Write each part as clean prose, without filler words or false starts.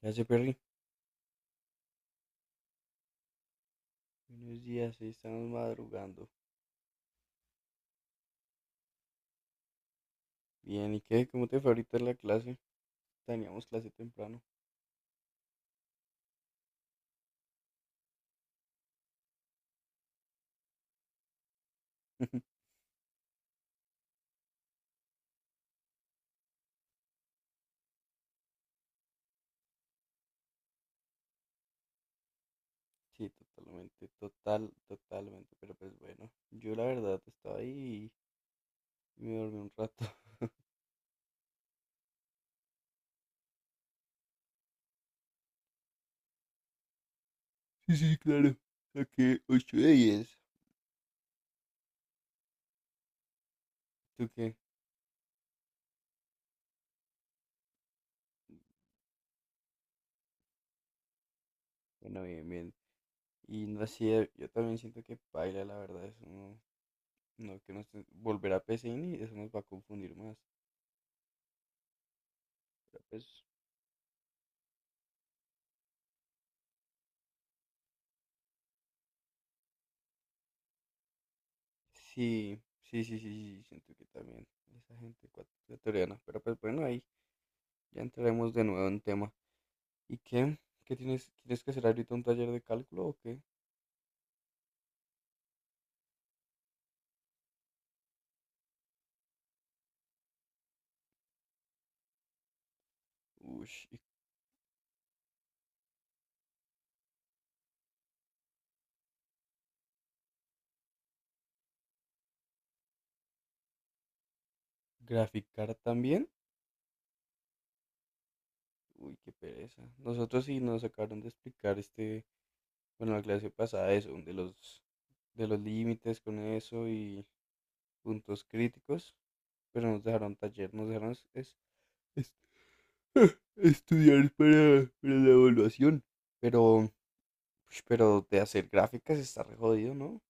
¿Qué hace Perry? Buenos días, ahí estamos madrugando. Bien, ¿y qué? ¿Cómo te fue ahorita en la clase? Teníamos clase temprano. Sí, totalmente, total, totalmente, pero pues bueno, yo la verdad estaba ahí y me dormí un rato. Sí, sí, claro. Saqué 8 de 10. ¿Tú qué? Bueno, bien, bien. Y no sé, yo también siento que paila, la verdad, eso no, no que nos volver a PCIN y eso nos va a confundir más. Pero pues sí, sí, sí, sí, sí, siento que también esa gente ecuatoriana. Pero pues bueno, ahí ya entraremos de nuevo en tema. ¿Y qué? ¿Qué tienes? ¿Tienes que hacer ahorita un taller de cálculo o qué? Uy, ¿graficar también? Uy, qué pereza. Nosotros sí nos acabaron de explicar este, bueno, la clase pasada eso, de los límites con eso y puntos críticos, pero nos dejaron taller, nos dejaron es- estudiar para la evaluación. Pero ush, pero de hacer gráficas está re jodido, ¿no?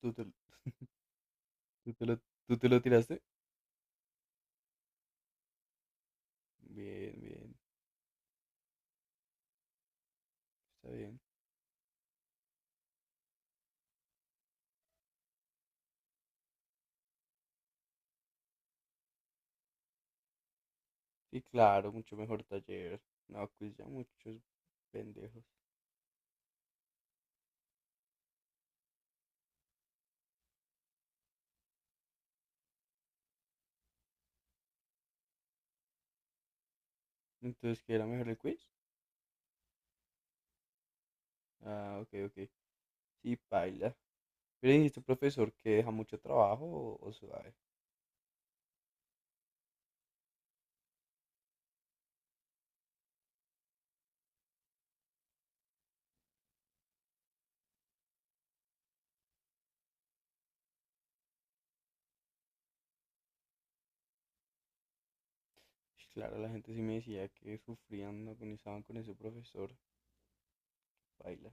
¿Tú te, tú te lo, tú te lo tiraste? Bien, bien, está bien. Y claro, mucho mejor taller. No, quiz ya muchos pendejos. Entonces, ¿qué era mejor el quiz? Ah, ok, ok. Sí, paila. Pero dijiste, profesor, que deja mucho trabajo o suave. Y claro, la gente sí me decía que sufrían, agonizaban con ese profesor. Paila.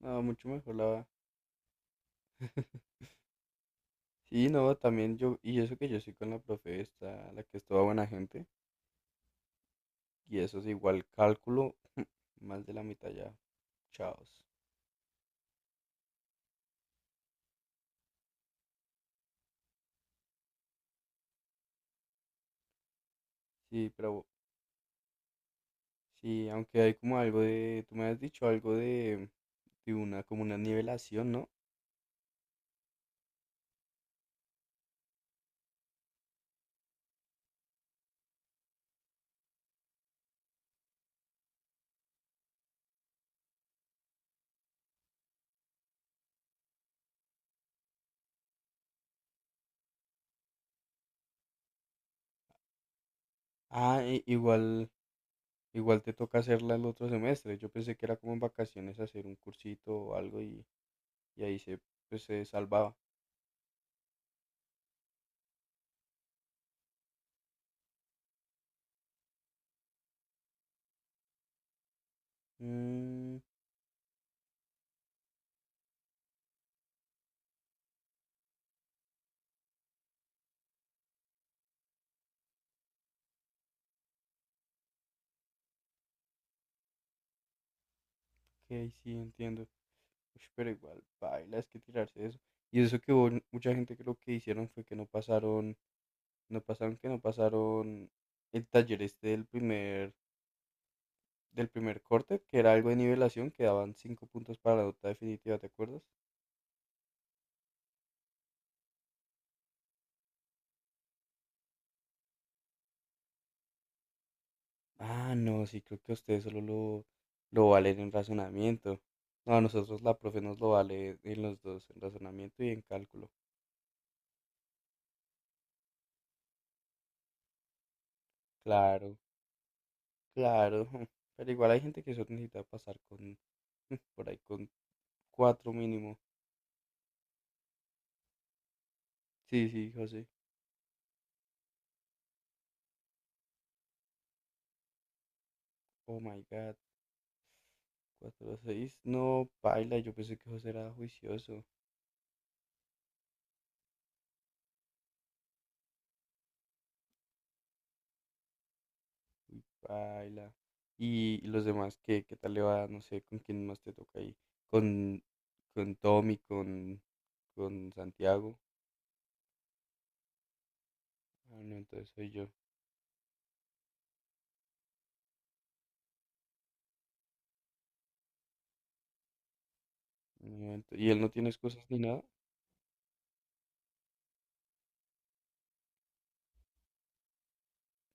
No, mucho mejor la... Sí, no, también yo, y eso que yo soy con la profe esta, la que es toda buena gente. Y eso es igual cálculo, más de la mitad ya. Chaos. Sí, pero sí, aunque hay como algo de, tú me has dicho algo de una, como una nivelación, ¿no? Ah, igual te toca hacerla el otro semestre. Yo pensé que era como en vacaciones hacer un cursito o algo y ahí se, pues, se salvaba. Mm, ok, sí, entiendo. Ush, pero igual, baila, es que tirarse eso. Y eso que hubo mucha gente creo que hicieron fue que no pasaron el taller este del primer corte, que era algo de nivelación, que daban cinco puntos para la nota definitiva, ¿te acuerdas? Ah, no, sí, creo que ustedes solo lo valen en razonamiento. No, a nosotros la profe nos lo vale en los dos, en razonamiento y en cálculo. Claro, claro. Pero igual hay gente que solo necesita pasar con, por ahí, con cuatro mínimo. Sí, sí, José. Oh my God, cuatro a seis. No, paila, yo pensé que José era juicioso. Uy, baila. Y los demás, ¿qué, qué tal le va? No sé, ¿con quién más te toca ahí? Con, con Tommy, con Santiago. Ah, no, entonces soy yo. No, ento- ¿Y él no tiene excusas ni nada?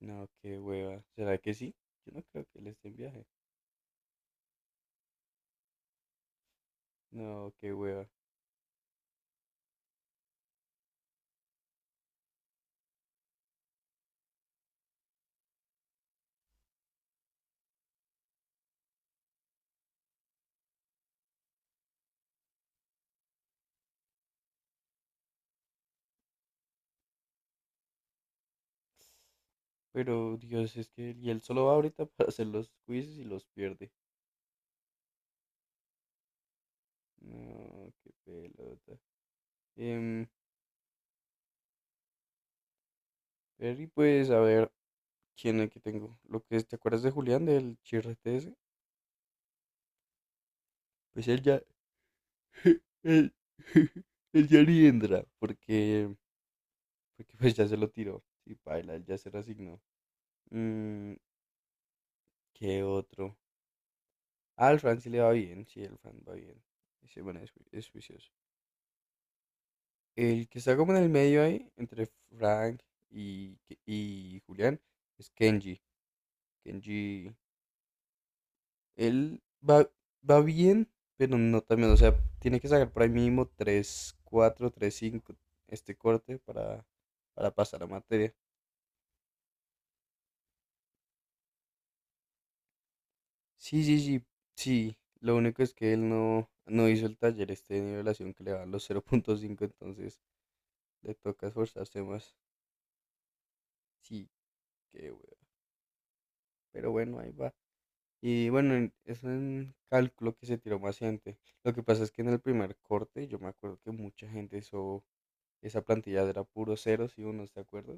No, qué hueva. ¿Será que sí? Yo no creo que él esté en viaje. No, qué hueva. Pero Dios, es que él, y él solo va ahorita para hacer los quizzes y los pierde. No, qué pelota. Em, Perry, pues a ver, ¿quién es que tengo? Lo que es, ¿te acuerdas de Julián, del chirrete ese? Pues él ya, el, el ya ni entra, porque, porque pues ya se lo tiró. Y baila, él ya se resignó. Mm, ¿qué otro? Ah, al Fran sí le va bien, sí, el Fran va bien. Ese, bueno, es, ju- es juicioso. El que está como en el medio ahí, entre Frank y, Ke- y Julián, es Kenji. Kenji, él va, va bien, pero no también, o sea, tiene que sacar por ahí mínimo 3 4 3 5 este corte para pasar a materia. Sí, sí, sí, sí. Lo único es que él no hizo el taller este de nivelación que le da los cero punto cinco entonces le toca esforzarse más. Sí, qué hueva. Pero bueno, ahí va. Y bueno, en- es un cálculo que se tiró más gente. Lo que pasa es que en el primer corte yo me acuerdo que mucha gente hizo esa plantilla era puro ceros y unos, ¿te acuerdas?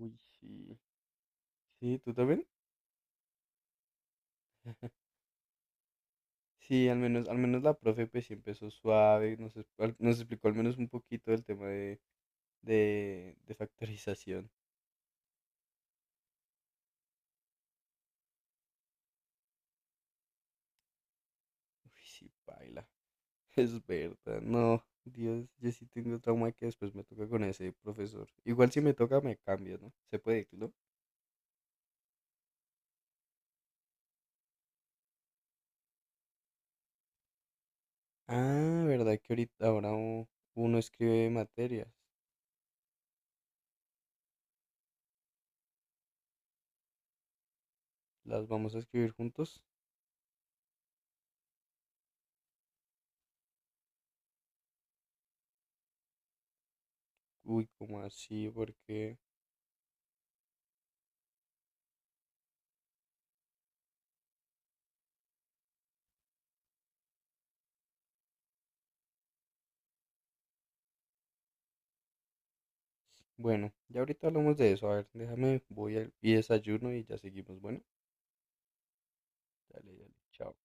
Uy, sí. Sí, ¿tú también? Sí, al menos la profe pues sí empezó suave, nos, es- al- nos explicó al menos un poquito del tema de de factorización. Uy, sí, paila. Es verdad. No, Dios, yo sí tengo trauma que después me toca con ese profesor. Igual si me toca, me cambio, ¿no? Se puede, ¿no? Ah, ¿verdad que ahorita ahora u- uno escribe materias? ¿Las vamos a escribir juntos? Uy, ¿cómo así? Porque, bueno, ya ahorita hablamos de eso. A ver, déjame, voy al- y desayuno y ya seguimos. Bueno, dale, dale, chao.